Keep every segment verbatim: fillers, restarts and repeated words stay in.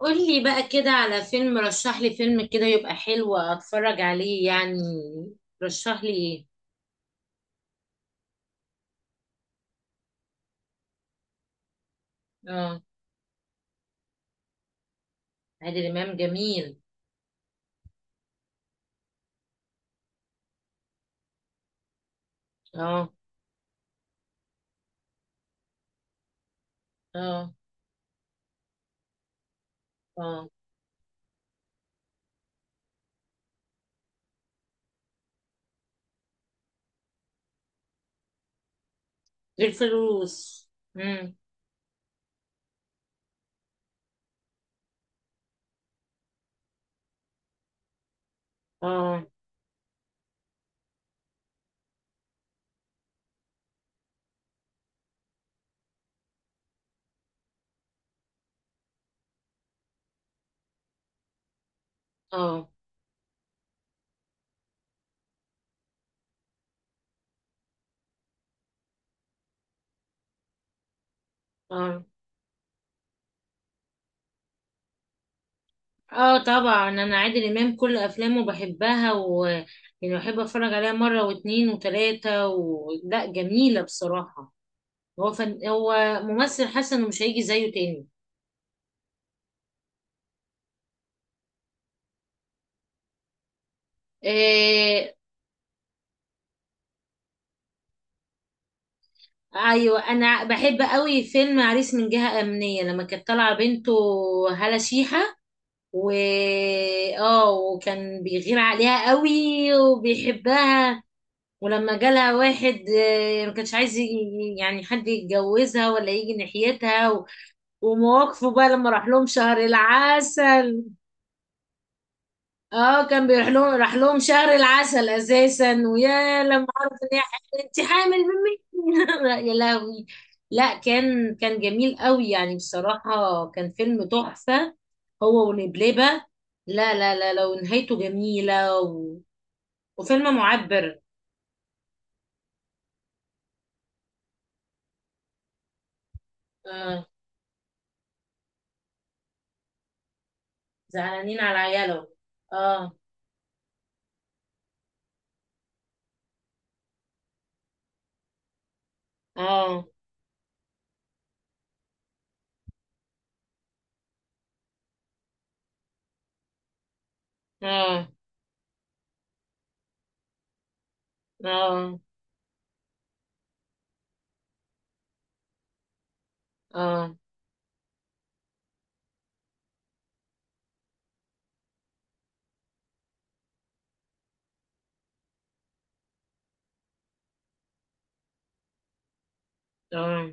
قولي بقى كده على فيلم، رشح لي فيلم كده يبقى حلو اتفرج عليه يعني. رشح لي ايه. اه. عادل امام جميل. اه. اه. اه. الفلوس. امم. اه. اه. اه. اه، طبعا انا عادل امام كل افلامه بحبها و يعني بحب اتفرج عليها مره واتنين وتلاته و... لا، جميله بصراحه. هو فن... هو ممثل حسن ومش هيجي زيه تاني. آه، ايوه انا بحب قوي فيلم عريس من جهة امنية لما كانت طالعة بنته هالة شيحة و اه، وكان بيغير عليها قوي وبيحبها. ولما جالها واحد، آه، ما كانش عايز ي- يعني حد يتجوزها ولا يجي ناحيتها و... ومواقفه بقى لما راح لهم شهر العسل. اه، كان بيروح لهم، راح لهم شهر العسل اساسا، ويا لما عرف ان هي حامل: انت حامل مني؟ يا لهوي. لا كان، كان جميل قوي يعني، بصراحة كان فيلم تحفة، هو ونبلبة. لا لا لا لا، ونهايته جميلة و... وفيلم معبر. اه. زعلانين على عياله. اه. اه. اه. اه. اه. اه.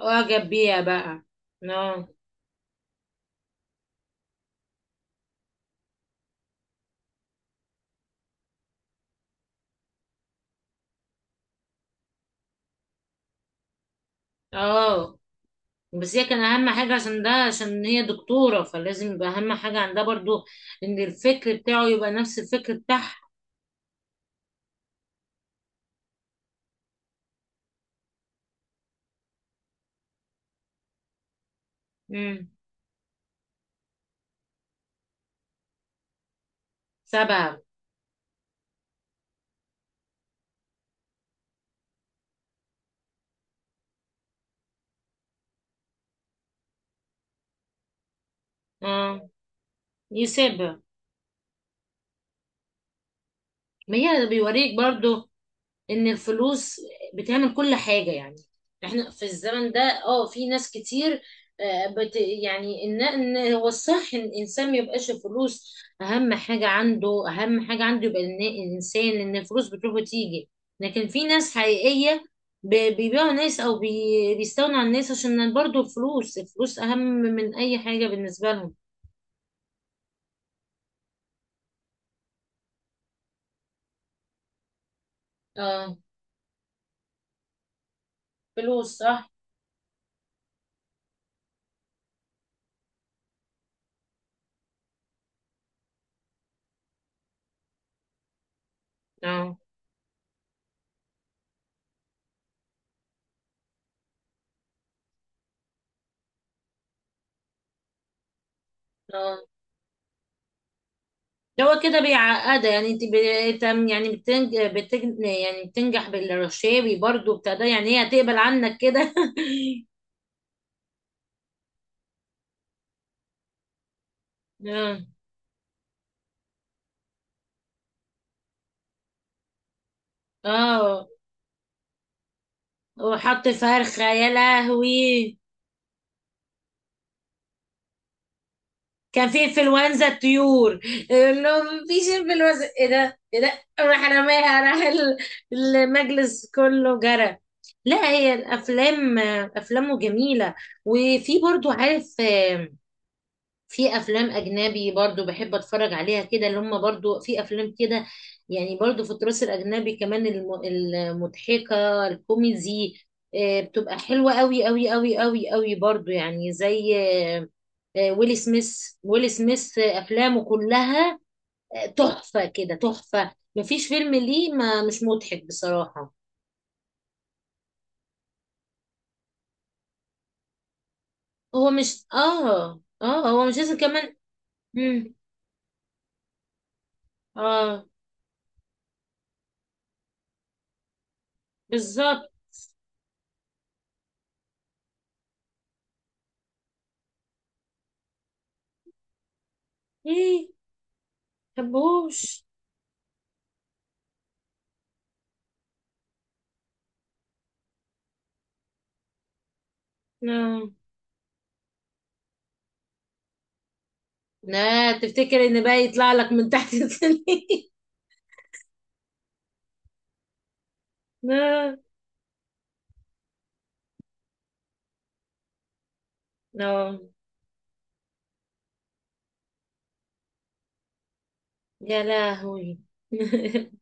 اعجب بيها بقى. اه. اه. بس هي كان اهم حاجه، عشان ده عشان هي دكتوره فلازم يبقى اهم حاجه عندها برضو ان الفكر بتاعه يبقى نفس الفكر بتاعها. امم. سبعه. اه. يسيبها. ما هي بيوريك برضو ان الفلوس بتعمل كل حاجة يعني. احنا في الزمن ده. اه، في ناس كتير، آه، بت يعني ان، إن هو الصح ان الانسان ما يبقاش الفلوس اهم حاجة عنده. اهم حاجة عنده يبقى إن- الانسان ان الفلوس بتروح وتيجي، لكن في ناس حقيقية بي- بيبيعوا ناس، او بي- بيستغنوا عن الناس عشان برضو الفلوس، الفلوس اهم من اي حاجة بالنسبة لهم. اه. فلوس صح. اه. اه. هو كده بيعقدها يعني. انت ب- تم- يعني بتنج... بتج... يعني بتنجح بالرشاوي برضو بتاع ده، يعني هي هتقبل عنك كده؟ اه. اه، وحط فرخة، يا لهوي. كان في انفلونزا الطيور. اللي هو مفيش انفلونزا. ايه ده، ايه ده، راح رماها، راح ال- المجلس كله جرى. لا، هي الافلام، افلامه جميلة. وفي برضو عارف، في افلام اجنبي برضو بحب اتفرج عليها كده، اللي هم برضو في افلام كده. يعني برضو في التراث الاجنبي كمان الم- المضحكه الكوميدي، آه، بتبقى حلوه قوي قوي قوي قوي قوي برضو، يعني زي آه، آه، ويل سميث. ويل سميث آه، افلامه كلها آه، تحفه كده، تحفه، مفيش فيلم ليه ما مش مضحك بصراحه. هو مش اه اه هو مش لازم كمان. مم. اه. بالظبط. ايه. مبحبوش. لا، تفتكر ان بقى يطلع لك من تحت السلم؟ لا. لا. يا لهوي.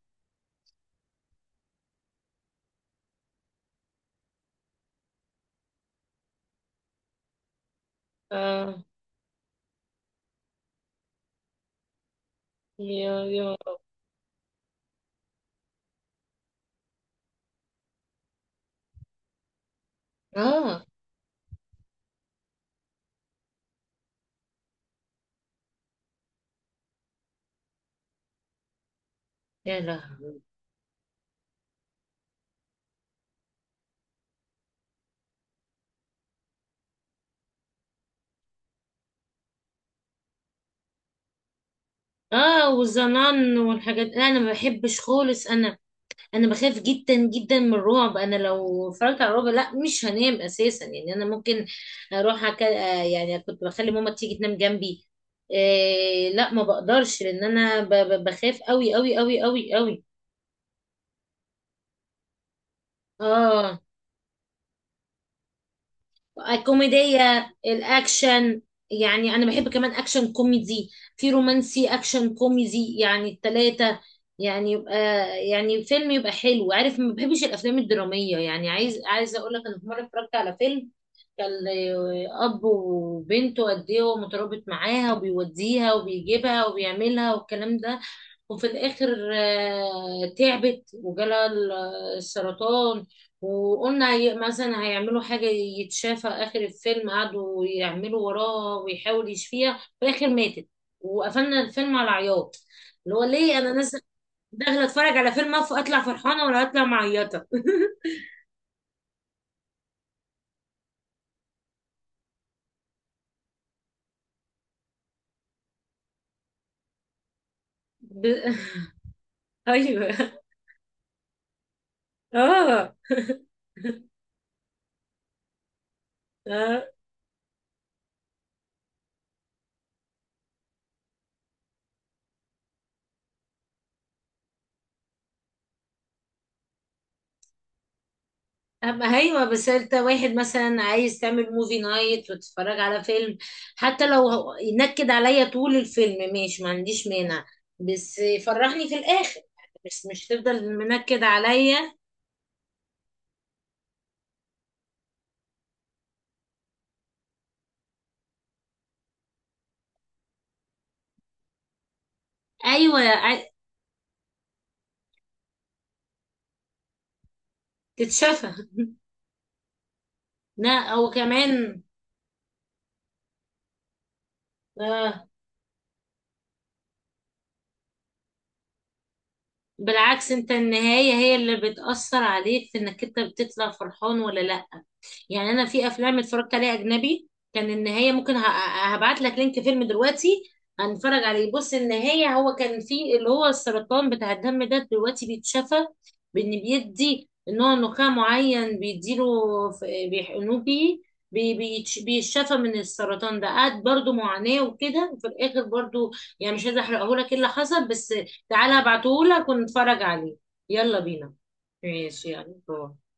اه. يا، يا رب. اه. يا لهوي. اه، والظنان والحاجات انا ما بحبش خالص انا. انا بخاف جدا جدا من الرعب. انا لو اتفرجت على الرعب، لا مش هنام اساسا، يعني انا ممكن اروح أك... آه، يعني كنت بخلي ماما تيجي تنام جنبي. إيه، لا ما بقدرش لان انا ب... ب- بخاف قوي قوي قوي قوي قوي. اه. الكوميدية الأكشن. يعني أنا بحب كمان أكشن كوميدي، في رومانسي أكشن كوميدي، يعني التلاتة. يعني يبقى يعني فيلم يبقى حلو عارف. ما بحبش الأفلام الدرامية يعني. عايز، عايزة أقول لك، أنا في مرة اتفرجت على فيلم كان أب وبنته قد إيه هو مترابط معاها وبيوديها وبيجيبها وبيعملها والكلام ده. وفي الآخر آه، تعبت وجالها ال- السرطان. وقلنا هي- مثلا هيعملوا حاجة يتشافى. آخر الفيلم قعدوا يعملوا وراها ويحاول يشفيها، في الآخر ماتت. وقفلنا الفيلم على عياط. اللي هو ليه أنا نازلة داخلة أتفرج على فيلم أف- أطلع فرحانة ولا أطلع معيطة؟ ب... أيوه. آه. آه. أما أيوة، بس أنت واحد مثلا عايز تعمل موفي نايت وتتفرج على فيلم، حتى لو هو- ينكد عليا طول الفيلم ماشي، ما عنديش مانع، بس فرحني في الآخر، بس مش تفضل منكد عليا. أيوة ع- تتشافى. لا هو كمان. آه. بالعكس، أنت النهاية هي اللي بتأثر عليك في إنك أنت بتطلع فرحان ولا لأ. يعني انا في افلام اتفرجت عليها اجنبي كان النهايه ممكن. هبعت لك لينك فيلم دلوقتي، هنتفرج عليه. بص النهايه هو كان، في اللي هو السرطان بتاع الدم ده دلوقتي بيتشفى، بان بيدي نوع نخاع معين بيديله، في- بيحقنوه بيه، بي- بيتش- بيتشفى من السرطان ده. قعد برضو معاناة وكده، وفي الآخر برضو يعني مش عايزة أحرقهولك إيه اللي حصل. بس تعالى هبعتهولك ونتفرج عليه. يلا بينا. ماشي يلا، باي.